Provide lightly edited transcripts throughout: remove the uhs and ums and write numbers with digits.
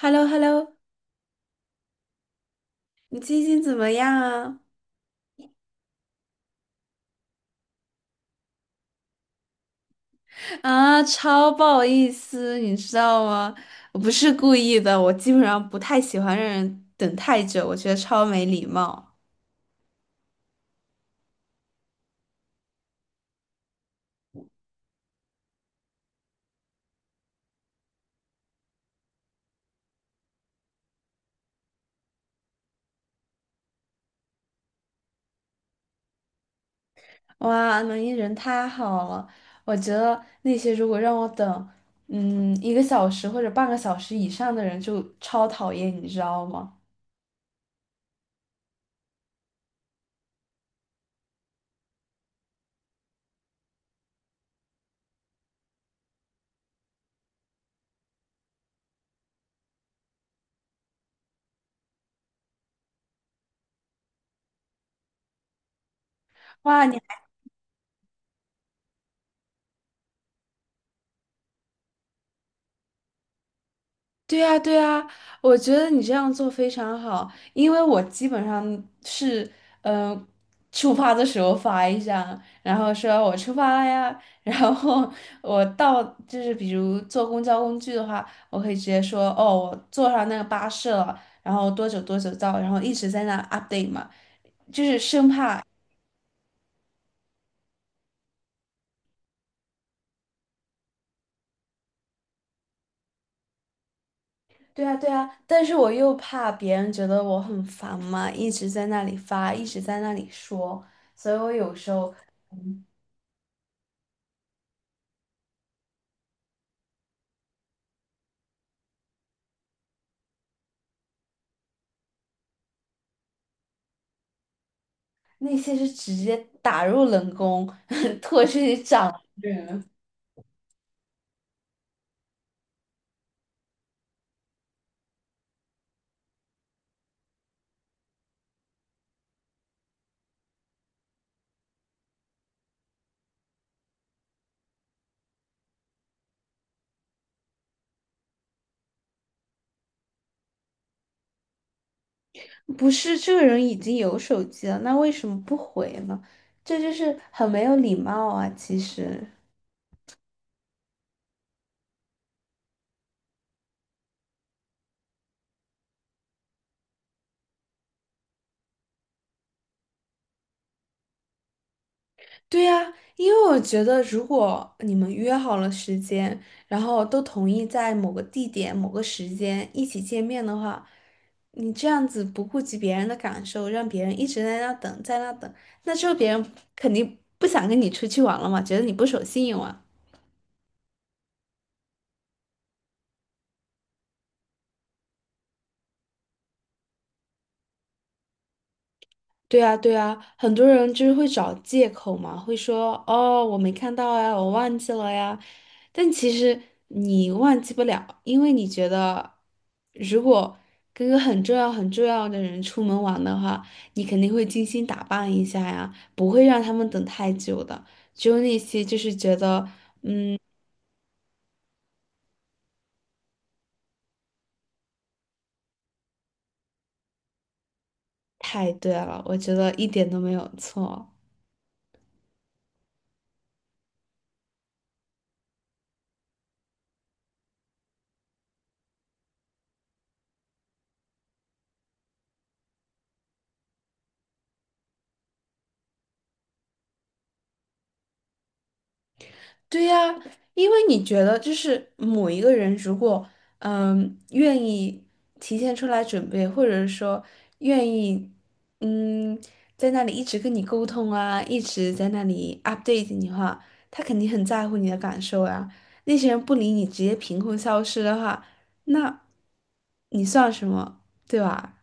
h e l l o h e l l o 你最近怎么样啊？啊，超不好意思，你知道吗？我不是故意的，我基本上不太喜欢让人等太久，我觉得超没礼貌。哇，能一人太好了。我觉得那些如果让我等1个小时或者半个小时以上的人就超讨厌，你知道吗？哇，你。对呀，对呀，我觉得你这样做非常好，因为我基本上是，嗯，出发的时候发一张，然后说我出发了呀，然后我到就是比如坐公交工具的话，我可以直接说哦，我坐上那个巴士了，然后多久多久到，然后一直在那 update 嘛。对啊，对啊，但是我又怕别人觉得我很烦嘛，一直在那里发，一直在那里说，所以我有时候。那些是直接打入冷宫，拖出去掌人。不是这个人已经有手机了，那为什么不回呢？这就是很没有礼貌啊，其实。对呀，因为我觉得，如果你们约好了时间，然后都同意在某个地点、某个时间一起见面的话，你这样子不顾及别人的感受，让别人一直在那等，在那等，那之后别人肯定不想跟你出去玩了嘛，觉得你不守信用啊。对啊，对啊，很多人就是会找借口嘛，会说哦，我没看到呀，我忘记了呀。但其实你忘记不了，因为你觉得，如果跟个很重要、很重要的人出门玩的话，你肯定会精心打扮一下呀，不会让他们等太久的。只有那些就是觉得太对了，我觉得一点都没有错。对呀，因为你觉得就是某一个人如果愿意提前出来准备，或者说愿意嗯在那里一直跟你沟通啊，一直在那里 update 你的话，他肯定很在乎你的感受啊。那些人不理你，直接凭空消失的话，那你算什么，对吧？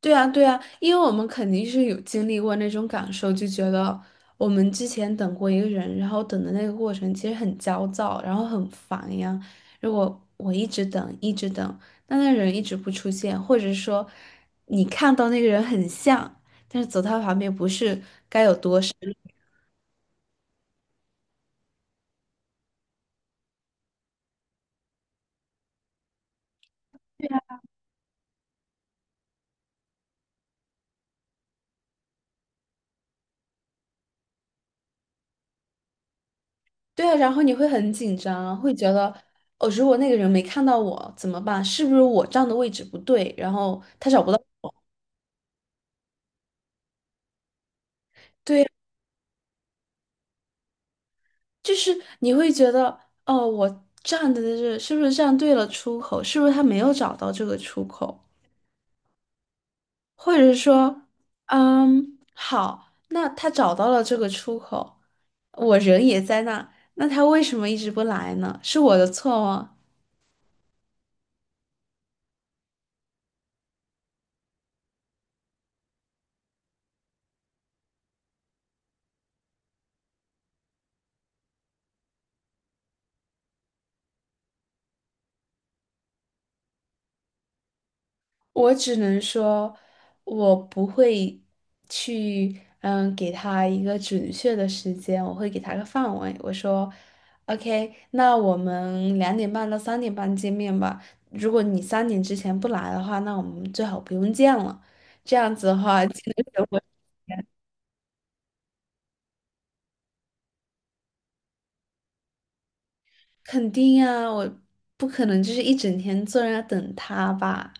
对啊，对啊，因为我们肯定是有经历过那种感受，就觉得我们之前等过一个人，然后等的那个过程其实很焦躁，然后很烦呀。如果我一直等，一直等，但那人一直不出现，或者说你看到那个人很像，但是走到他旁边不是，该有多少。对啊，然后你会很紧张啊会觉得哦，如果那个人没看到我怎么办？是不是我站的位置不对？然后他找不到。对。就是你会觉得，哦，我站的这是不是站对了出口？是不是他没有找到这个出口？或者是说，好，那他找到了这个出口，我人也在那，那他为什么一直不来呢？是我的错吗？我只能说，我不会去，给他一个准确的时间，我会给他个范围。我说，OK，那我们2点半到3点半见面吧。如果你三点之前不来的话，那我们最好不用见了。这样子的话，既能省我肯定啊，我不可能就是一整天坐在那等他吧？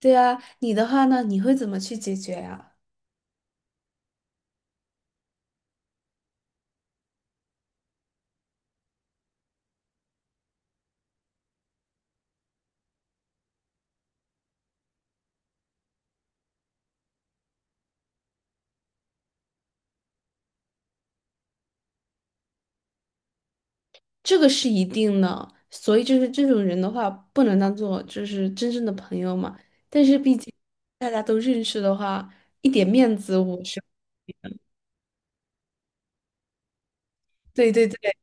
对啊，你的话呢？你会怎么去解决呀？这个是一定的，所以就是这种人的话，不能当做就是真正的朋友嘛。但是毕竟大家都认识的话，一点面子我是。对对对，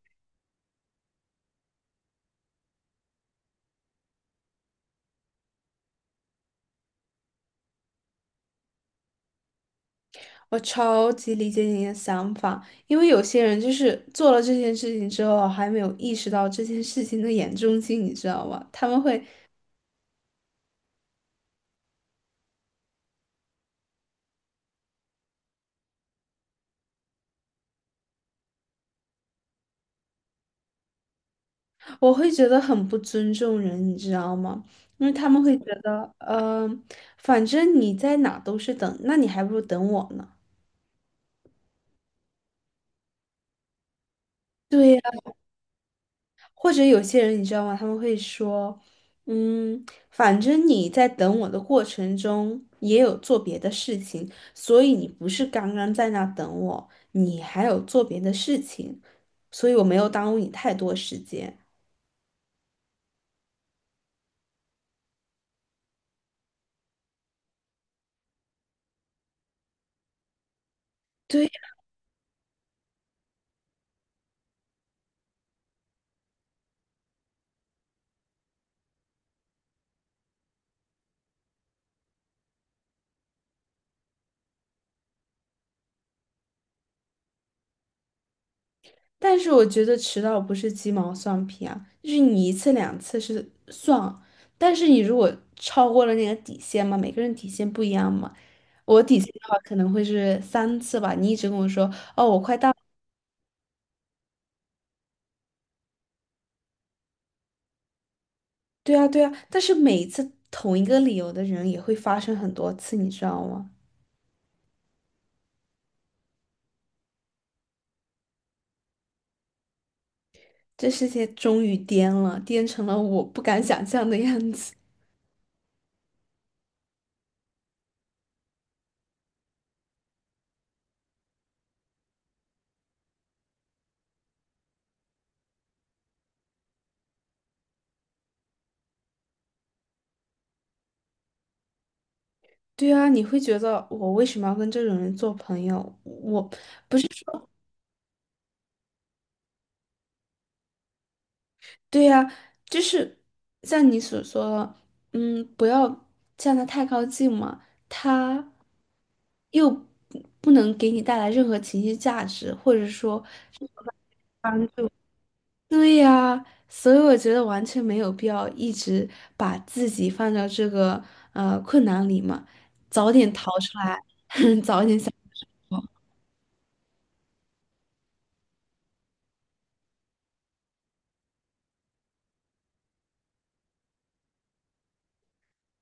我超级理解你的想法，因为有些人就是做了这件事情之后，还没有意识到这件事情的严重性，你知道吗？他们会，我会觉得很不尊重人，你知道吗？因为他们会觉得，反正你在哪都是等，那你还不如等我呢。对呀。或者有些人你知道吗？他们会说，嗯，反正你在等我的过程中也有做别的事情，所以你不是刚刚在那等我，你还有做别的事情，所以我没有耽误你太多时间。对呀，但是我觉得迟到不是鸡毛蒜皮啊，就是你一次两次是算，但是你如果超过了那个底线嘛，每个人底线不一样嘛，我底线的话可能会是3次吧，你一直跟我说。哦，我快到对啊，对啊，但是每一次同一个理由的人也会发生很多次，你知道吗？这世界终于颠了，颠成了我不敢想象的样子。对啊，你会觉得我为什么要跟这种人做朋友？我，对呀，就是像你所说的，嗯，不要向他太靠近嘛，他又不不能给你带来任何情绪价值，或者说。对呀，所以我觉得完全没有必要一直把自己放到这个困难里嘛，早点逃出来。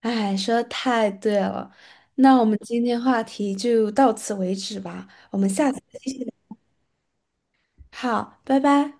哎，说的太对了。那我们今天话题就到此为止吧，我们下次继续。好，拜拜。